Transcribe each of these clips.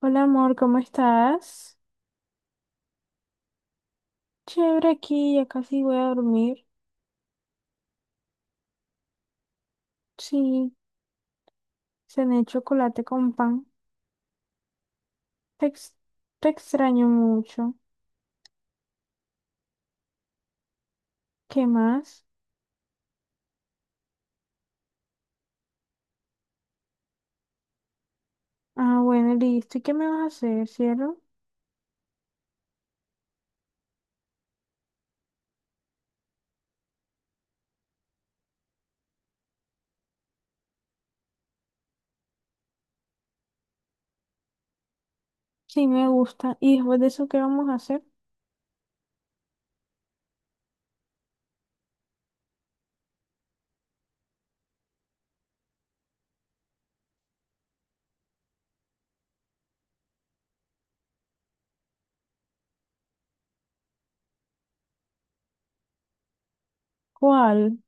Hola amor, ¿cómo estás? Chévere aquí, ya casi voy a dormir. Sí, cené chocolate con pan. Te, ex- te extraño mucho. ¿Qué más? Ah, bueno, listo. ¿Y qué me vas a hacer, cielo? Sí, me gusta. ¿Y después de eso qué vamos a hacer? ¿Cuál?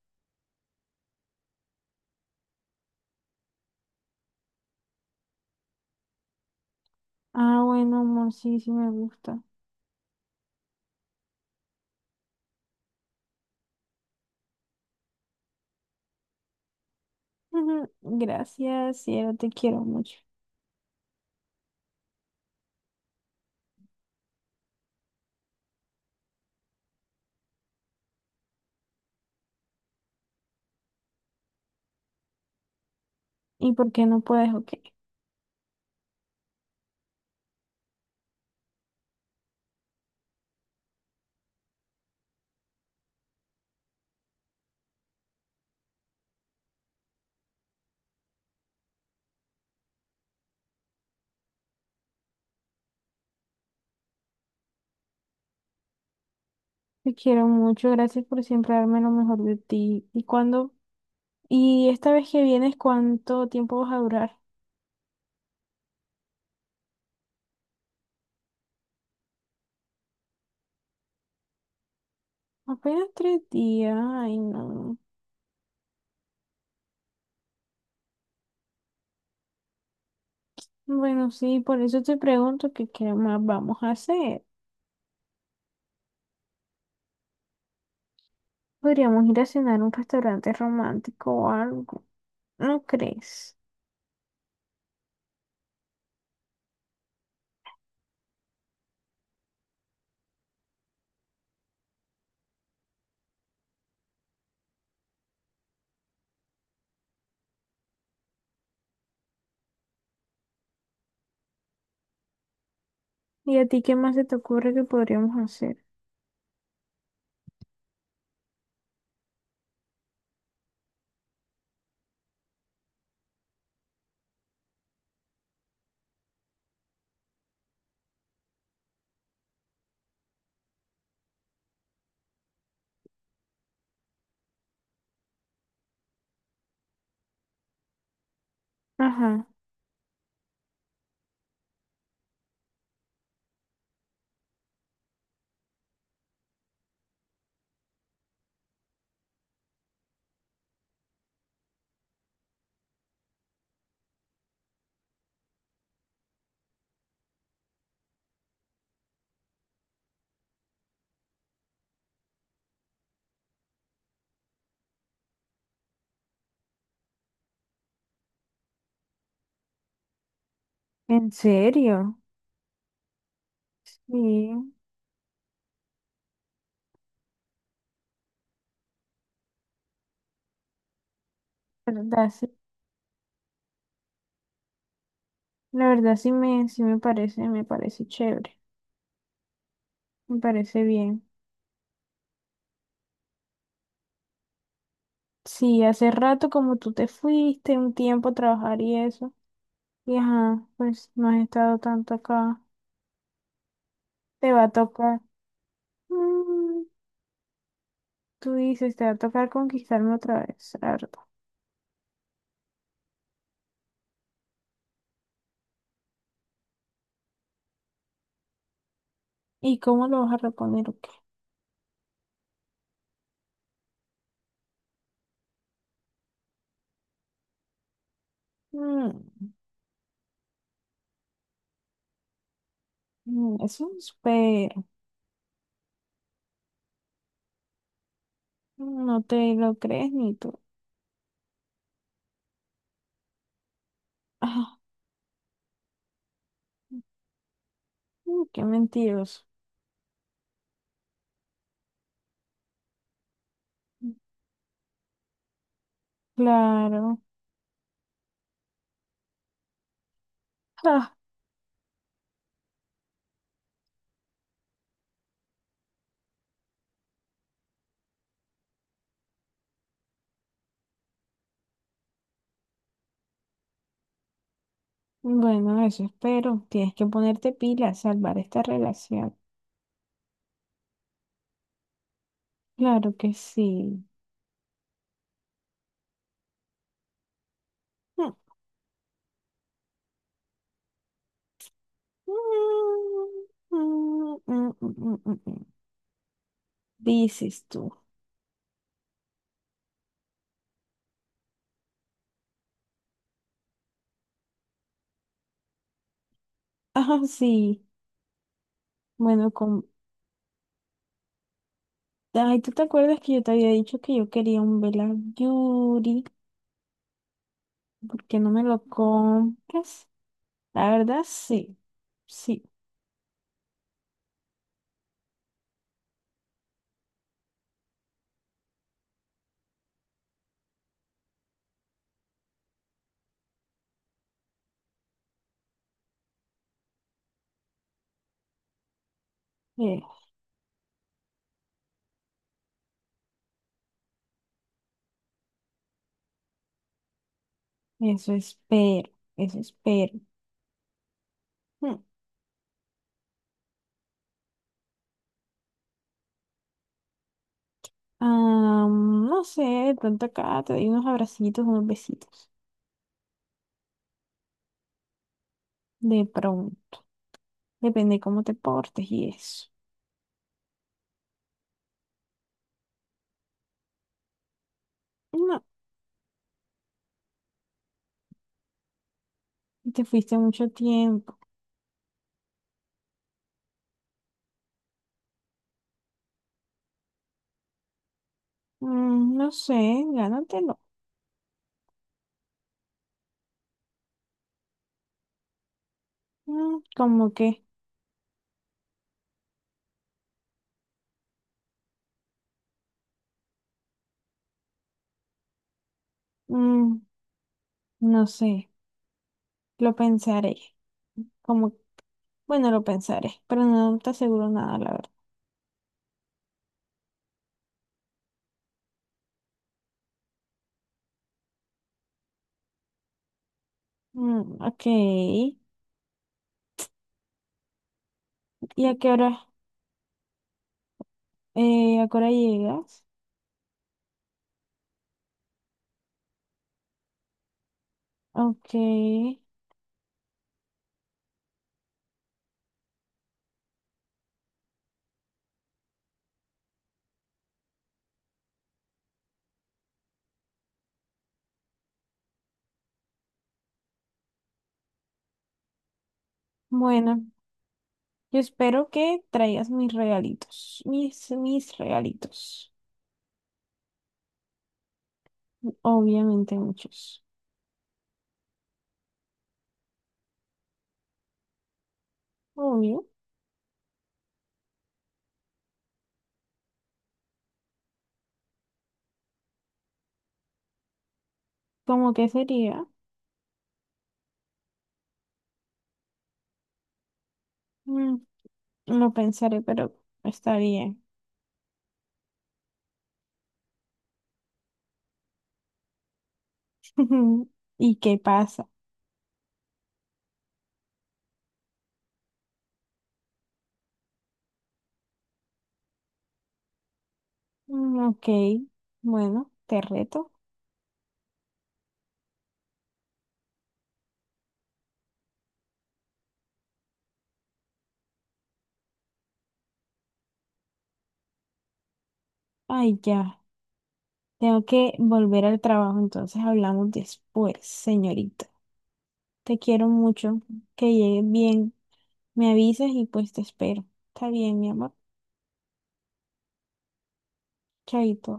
Ah, bueno, amor, sí, sí me gusta. Ujú, gracias, cielo, te quiero mucho. ¿Y por qué no puedes? Ok. Te quiero mucho, gracias por siempre darme lo mejor de ti. ¿Y cuándo? Y esta vez que vienes, ¿cuánto tiempo vas a durar? Apenas 3 días. Ay, no. Bueno, sí, por eso te pregunto que qué más vamos a hacer. Podríamos ir a cenar a un restaurante romántico o algo. ¿No crees? ¿Y a ti qué más se te ocurre que podríamos hacer? Ajá. ¿En serio? Sí, la verdad, sí. La verdad sí me parece chévere. Me parece bien. Sí, hace rato como tú te fuiste un tiempo a trabajar y eso. Y ajá, pues no has estado tanto acá. Te va a tocar. Mm, tú dices, te va a tocar conquistarme otra vez, la verdad. ¿Y cómo lo vas a reponer o qué? Mm, mm, eso es, pero no te lo crees ni tú. Ah, qué mentiroso. Claro. Ah, bueno, eso espero. Tienes que ponerte pila a salvar esta relación. Claro que sí. Mm, mm, mm, mm, mm, mm, mm. Mm, mm. Dices tú. Ah, sí. Bueno, con... Ay, ¿tú te acuerdas que yo te había dicho que yo quería un vela Yuri? ¿Por qué no me lo compras? La verdad, sí. Sí. eh, Eso espero. Eso espero. Mm, no sé, de pronto acá te doy unos abracitos, unos besitos. De pronto. Depende cómo te portes y eso. No, te fuiste mucho tiempo. Mm, no sé, gánatelo. Mm, como que... Mm, no sé. Lo pensaré. Como, bueno, lo pensaré, pero no te aseguro nada, la verdad. Mm, ok. ¿Y a qué hora llegas? Ok. Bueno, yo espero que traigas mis regalitos. Mis regalitos. Obviamente muchos. Obvio. ¿Cómo que sería? Mm, lo pensaré, pero está bien. ¿Y qué pasa? Mm, ok. Bueno, te reto. Ay, ya. Tengo que volver al trabajo, entonces hablamos después, señorita. Te quiero mucho, que llegues bien. Me avisas y pues te espero. Está bien, mi amor. Chaito.